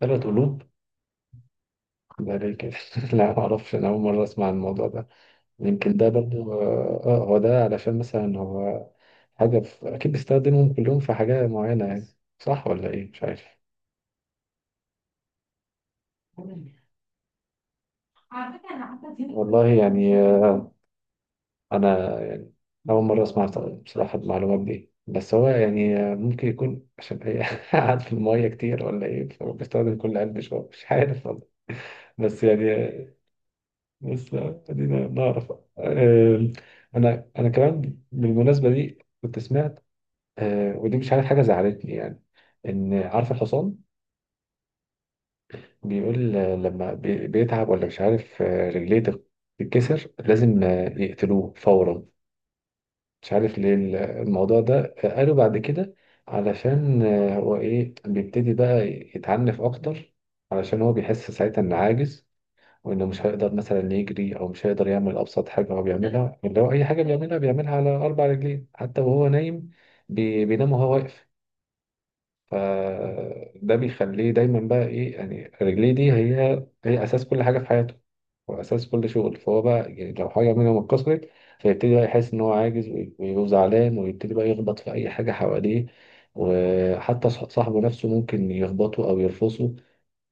3 قلوب، ده ليه كده؟ لا، معرفش، أنا أول مرة أسمع عن الموضوع ده. يمكن ده برضو هو ده علشان مثلا هو حاجة أكيد بيستخدمهم كلهم في حاجة معينة يعني. صح ولا إيه؟ مش عارف والله، يعني أنا يعني أول مرة أسمع بصراحة المعلومات دي. بس هو يعني ممكن يكون عشان هي قاعد في المية كتير ولا إيه، فبيستخدم كل قلب شوية. مش عارف والله، بس يعني آه، بس خلينا نعرف. آم، انا كمان بالمناسبه دي كنت سمعت ودي مش عارف، حاجه زعلتني يعني. ان عارف الحصان بيقول لما بيتعب ولا مش عارف، رجليه تتكسر لازم يقتلوه فورا. مش عارف ليه الموضوع ده، قالوا بعد كده علشان هو ايه بيبتدي بقى يتعنف اكتر، علشان هو بيحس ساعتها انه عاجز وانه مش هيقدر مثلا يجري او مش هيقدر يعمل ابسط حاجه هو بيعملها، اللي هو اي حاجه بيعملها بيعملها على 4 رجلين، حتى وهو نايم بينام وهو واقف. فده بيخليه دايما بقى ايه يعني، رجليه دي هي اساس كل حاجه في حياته، واساس كل شغل. فهو بقى يعني لو حاجه منهم اتكسرت، فيبتدي بقى يحس ان هو عاجز، ويبقى زعلان، ويبتدي بقى يخبط في اي حاجه حواليه، وحتى صاحبه نفسه ممكن يخبطه او يرفصه،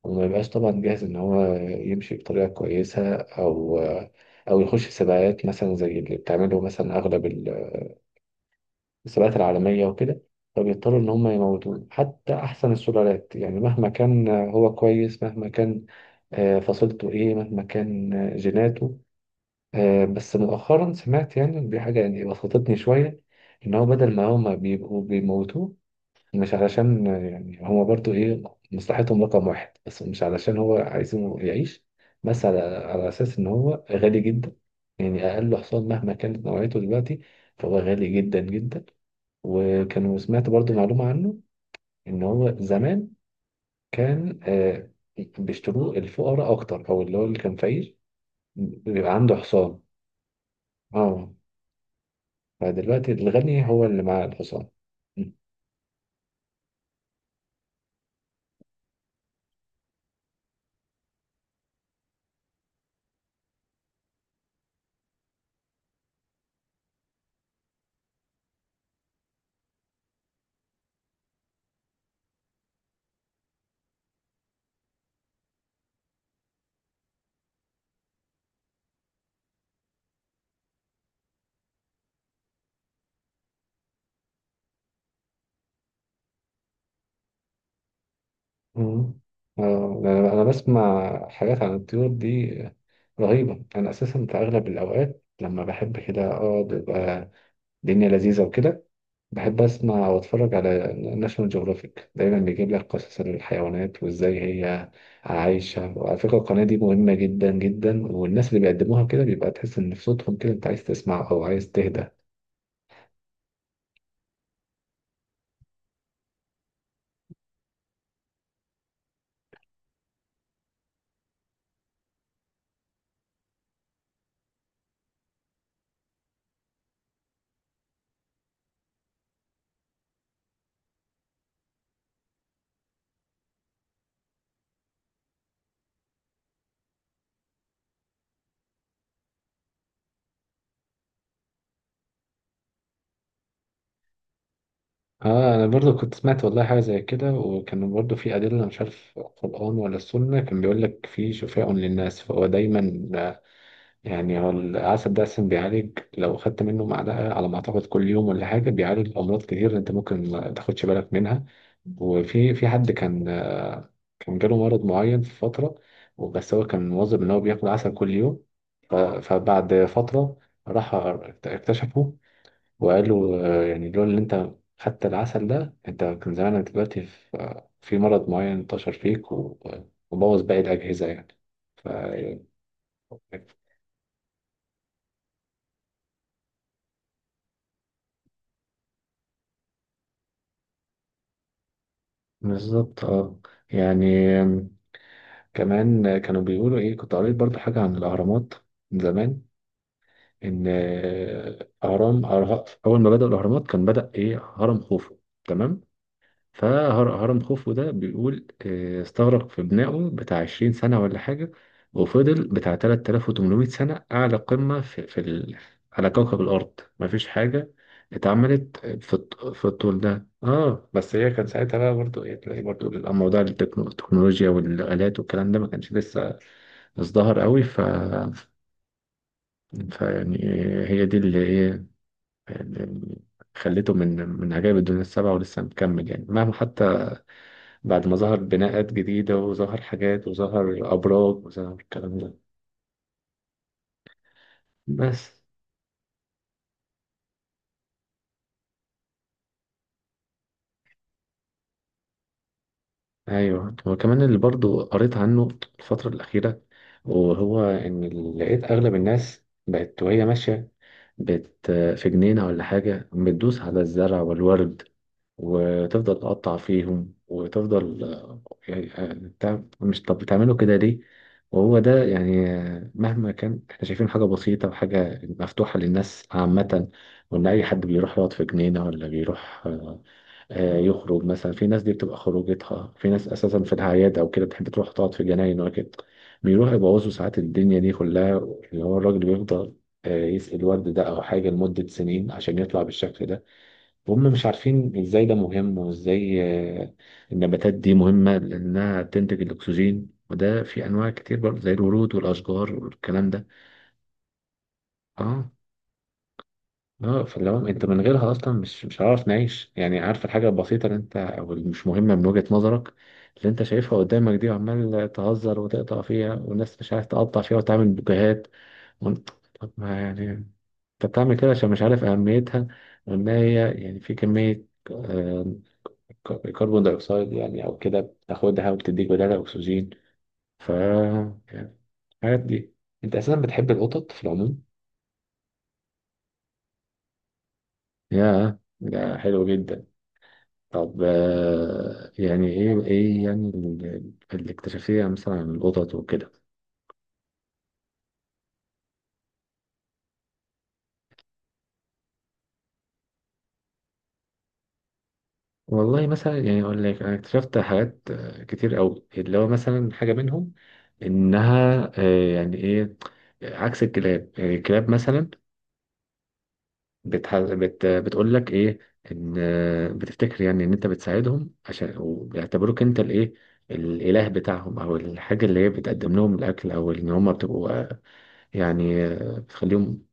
وما يبقاش طبعا جاهز ان هو يمشي بطريقه كويسه، او او يخش سباقات مثلا زي اللي بتعمله مثلا اغلب السباقات العالميه وكده. فبيضطروا ان هم يموتوه، حتى احسن السلالات يعني، مهما كان هو كويس، مهما كان فصيلته ايه، مهما كان جيناته. بس مؤخرا سمعت يعني دي حاجه يعني بسطتني شويه، ان هو بدل ما هم بيبقوا بيموتوه، مش علشان يعني هما برضو ايه مصلحتهم رقم 1، بس مش علشان هو عايزينه يعيش، بس على اساس ان هو غالي جدا، يعني اقل حصان مهما كانت نوعيته دلوقتي فهو غالي جدا جدا. وكانوا سمعت برضو معلومة عنه، ان هو زمان كان بيشتروه الفقراء اكتر، او اللي هو اللي كان فقير بيبقى عنده حصان. اه، فدلوقتي الغني هو اللي معاه الحصان. مم. أنا بسمع حاجات عن الطيور دي رهيبة. أنا أساسا في أغلب الأوقات لما بحب كده أقعد، يبقى الدنيا لذيذة وكده، بحب أسمع وأتفرج على ناشونال جيوغرافيك. دايما بيجيب لك قصص الحيوانات وإزاي هي عايشة. وعلى فكرة القناة دي مهمة جدا جدا، والناس اللي بيقدموها كده بيبقى تحس إن في صوتهم كده أنت عايز تسمع أو عايز تهدى. اه، انا برضو كنت سمعت والله حاجه زي كده، وكان برضو في ادله، مش عارف القران ولا السنه، كان بيقول لك في شفاء للناس، فهو دايما يعني هو العسل ده اصلا بيعالج، لو خدت منه معلقه على ما اعتقد كل يوم ولا حاجه بيعالج امراض كتير انت ممكن ما تاخدش بالك منها. وفي حد كان كان جاله مرض معين في فتره، وبس هو كان مواظب ان هو بياكل عسل كل يوم، فبعد فتره راح اكتشفه. وقالوا يعني لولا اللي انت خدت العسل ده انت كان زمانك دلوقتي في في مرض معين انتشر فيك وبوظ باقي الأجهزة يعني. ف بالظبط اه. يعني كمان كانوا بيقولوا ايه، كنت قريت برضو حاجة عن الأهرامات من زمان، إن أول ما بدأوا الأهرامات كان بدأ ايه هرم خوفو، تمام؟ فهرم خوفو ده بيقول استغرق في بنائه بتاع 20 سنة ولا حاجة، وفضل بتاع 3800 سنة أعلى قمة في على كوكب الأرض. مفيش حاجة اتعملت في في الطول ده. اه بس هي كان ساعتها بقى برضو ايه، تلاقي برضو الموضوع التكنولوجيا والآلات والكلام ده ما كانش لسه ازدهر قوي. ف فيعني هي دي اللي ايه اللي خليته من من عجائب الدنيا 7، ولسه مكمل يعني مهما حتى بعد ما ظهر بناءات جديدة وظهر حاجات وظهر أبراج وظهر الكلام ده. بس أيوه، وكمان اللي برضو قريت عنه الفترة الأخيرة، وهو إن لقيت أغلب الناس بقت وهي ماشية بت في جنينة ولا حاجة بتدوس على الزرع والورد، وتفضل تقطع فيهم وتفضل يعني بتاع- مش طب بتعملوا كده ليه؟ وهو ده يعني مهما كان احنا شايفين حاجة بسيطة وحاجة مفتوحة للناس عامة، وإن أي حد بيروح يقعد في جنينة، ولا بيروح يخرج مثلا، في ناس دي بتبقى خروجتها، في ناس أساسا في الأعياد أو كده بتحب تروح تقعد في جناين وكده، بيروح يبوظوا ساعات الدنيا دي كلها، اللي هو الراجل بيفضل يسقي الورد ده أو حاجة لمدة سنين عشان يطلع بالشكل ده، وهم مش عارفين ازاي ده مهم وازاي آه، النباتات دي مهمة لأنها تنتج الأكسجين، وده في أنواع كتير برضه زي الورود والأشجار والكلام ده. اه اه، فلو انت من غيرها اصلا مش هعرف نعيش يعني، عارف الحاجه البسيطه اللي انت او اللي مش مهمه من وجهه نظرك، اللي انت شايفها قدامك دي، وعمال تهزر وتقطع فيها، والناس مش عارف تقطع فيها وتعمل بوكيهات، وانت طب ما يعني انت بتعمل كده عشان مش عارف اهميتها، وان هي يعني في كميه آه، كربون دايوكسيد يعني او كده بتاخدها وبتديك بدالها اكسجين. ف يعني الحاجات دي. انت اساسا بتحب القطط في العموم. يا ده حلو جدا. طب يعني ايه ايه يعني الاكتشافية مثلا عن القطط وكده؟ والله مثلا يعني اقول لك انا اكتشفت حاجات كتير قوي اللي هو مثلا حاجة منهم، انها يعني ايه، عكس الكلاب. يعني الكلاب مثلا بتقول لك ايه، ان بتفتكر يعني ان انت بتساعدهم عشان، وبيعتبروك انت الايه الاله بتاعهم، او الحاجه اللي هي بتقدم لهم الاكل، او ان هم بتبقوا يعني بتخليهم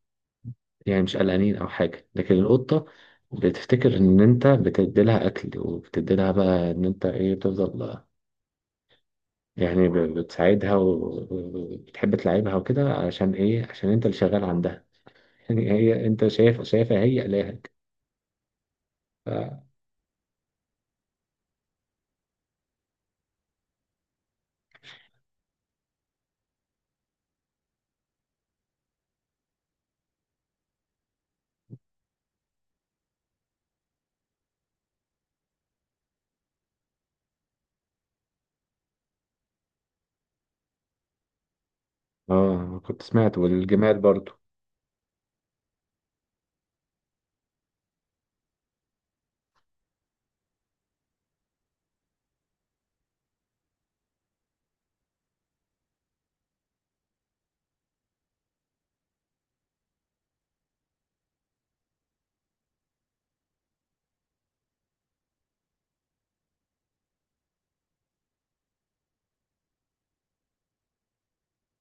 يعني مش قلقانين او حاجه. لكن القطه بتفتكر ان انت بتدي لها اكل، وبتدي لها بقى ان انت ايه بتفضل يعني بتساعدها وبتحب تلعبها وكده، عشان ايه، عشان انت اللي شغال عندها. يعني هي انت شايفها هي الهك. اه كنت سمعت، والجمال برضو.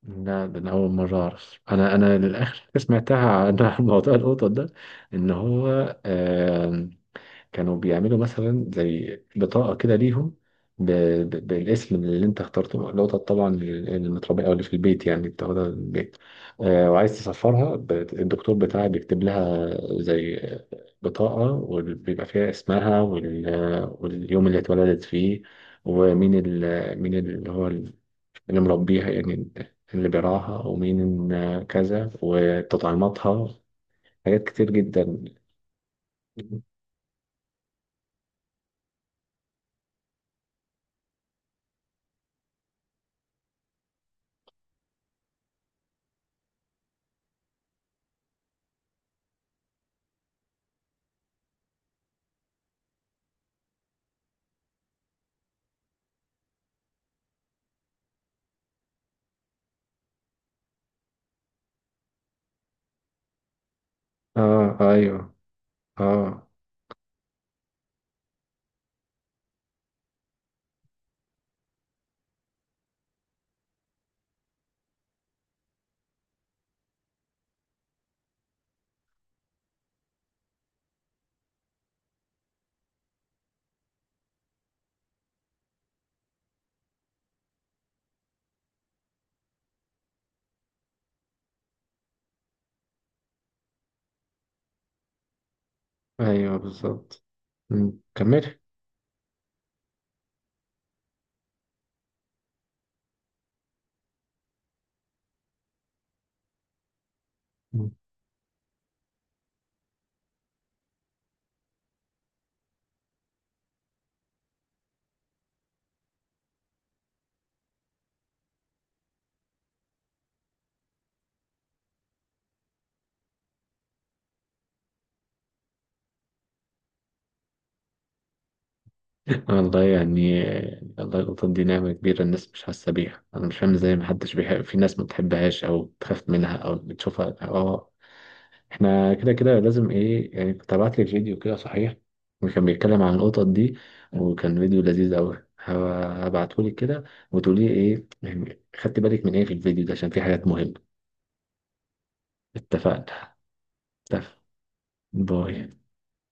لا، ده انا اول مره اعرف، انا انا للاخر حاجة سمعتها عن موضوع القطط ده، ان هو آه كانوا بيعملوا مثلا زي بطاقه كده ليهم ب- بالاسم اللي انت اخترته. القطط طبعا المتربيه او اللي في البيت يعني بتاخدها من البيت وعايز تسفرها، الدكتور بتاعها بيكتب لها زي بطاقه، وبيبقى فيها اسمها واليوم اللي اتولدت فيه، ومين مين اللي هو اللي مربيها يعني، اللي بيراها ومين، كذا وتطعيماتها، حاجات كتير جدا. اه ايوه اه ايوه بالظبط. كمل. مم. والله يعني، والله القطط دي نعمة كبيرة، الناس مش حاسة بيها. أنا مش فاهم إزاي محدش بيحب، في ناس ما بتحبهاش أو بتخاف منها أو بتشوفها. اه احنا كده كده لازم ايه يعني، كنت ابعت لك فيديو كده صحيح، وكان بيتكلم عن القطط دي، وكان فيديو لذيذ قوي، هبعته لك كده، وتقولي ايه يعني خدت بالك من ايه في الفيديو ده، عشان في حاجات مهمة. اتفقنا، اتفق، باي.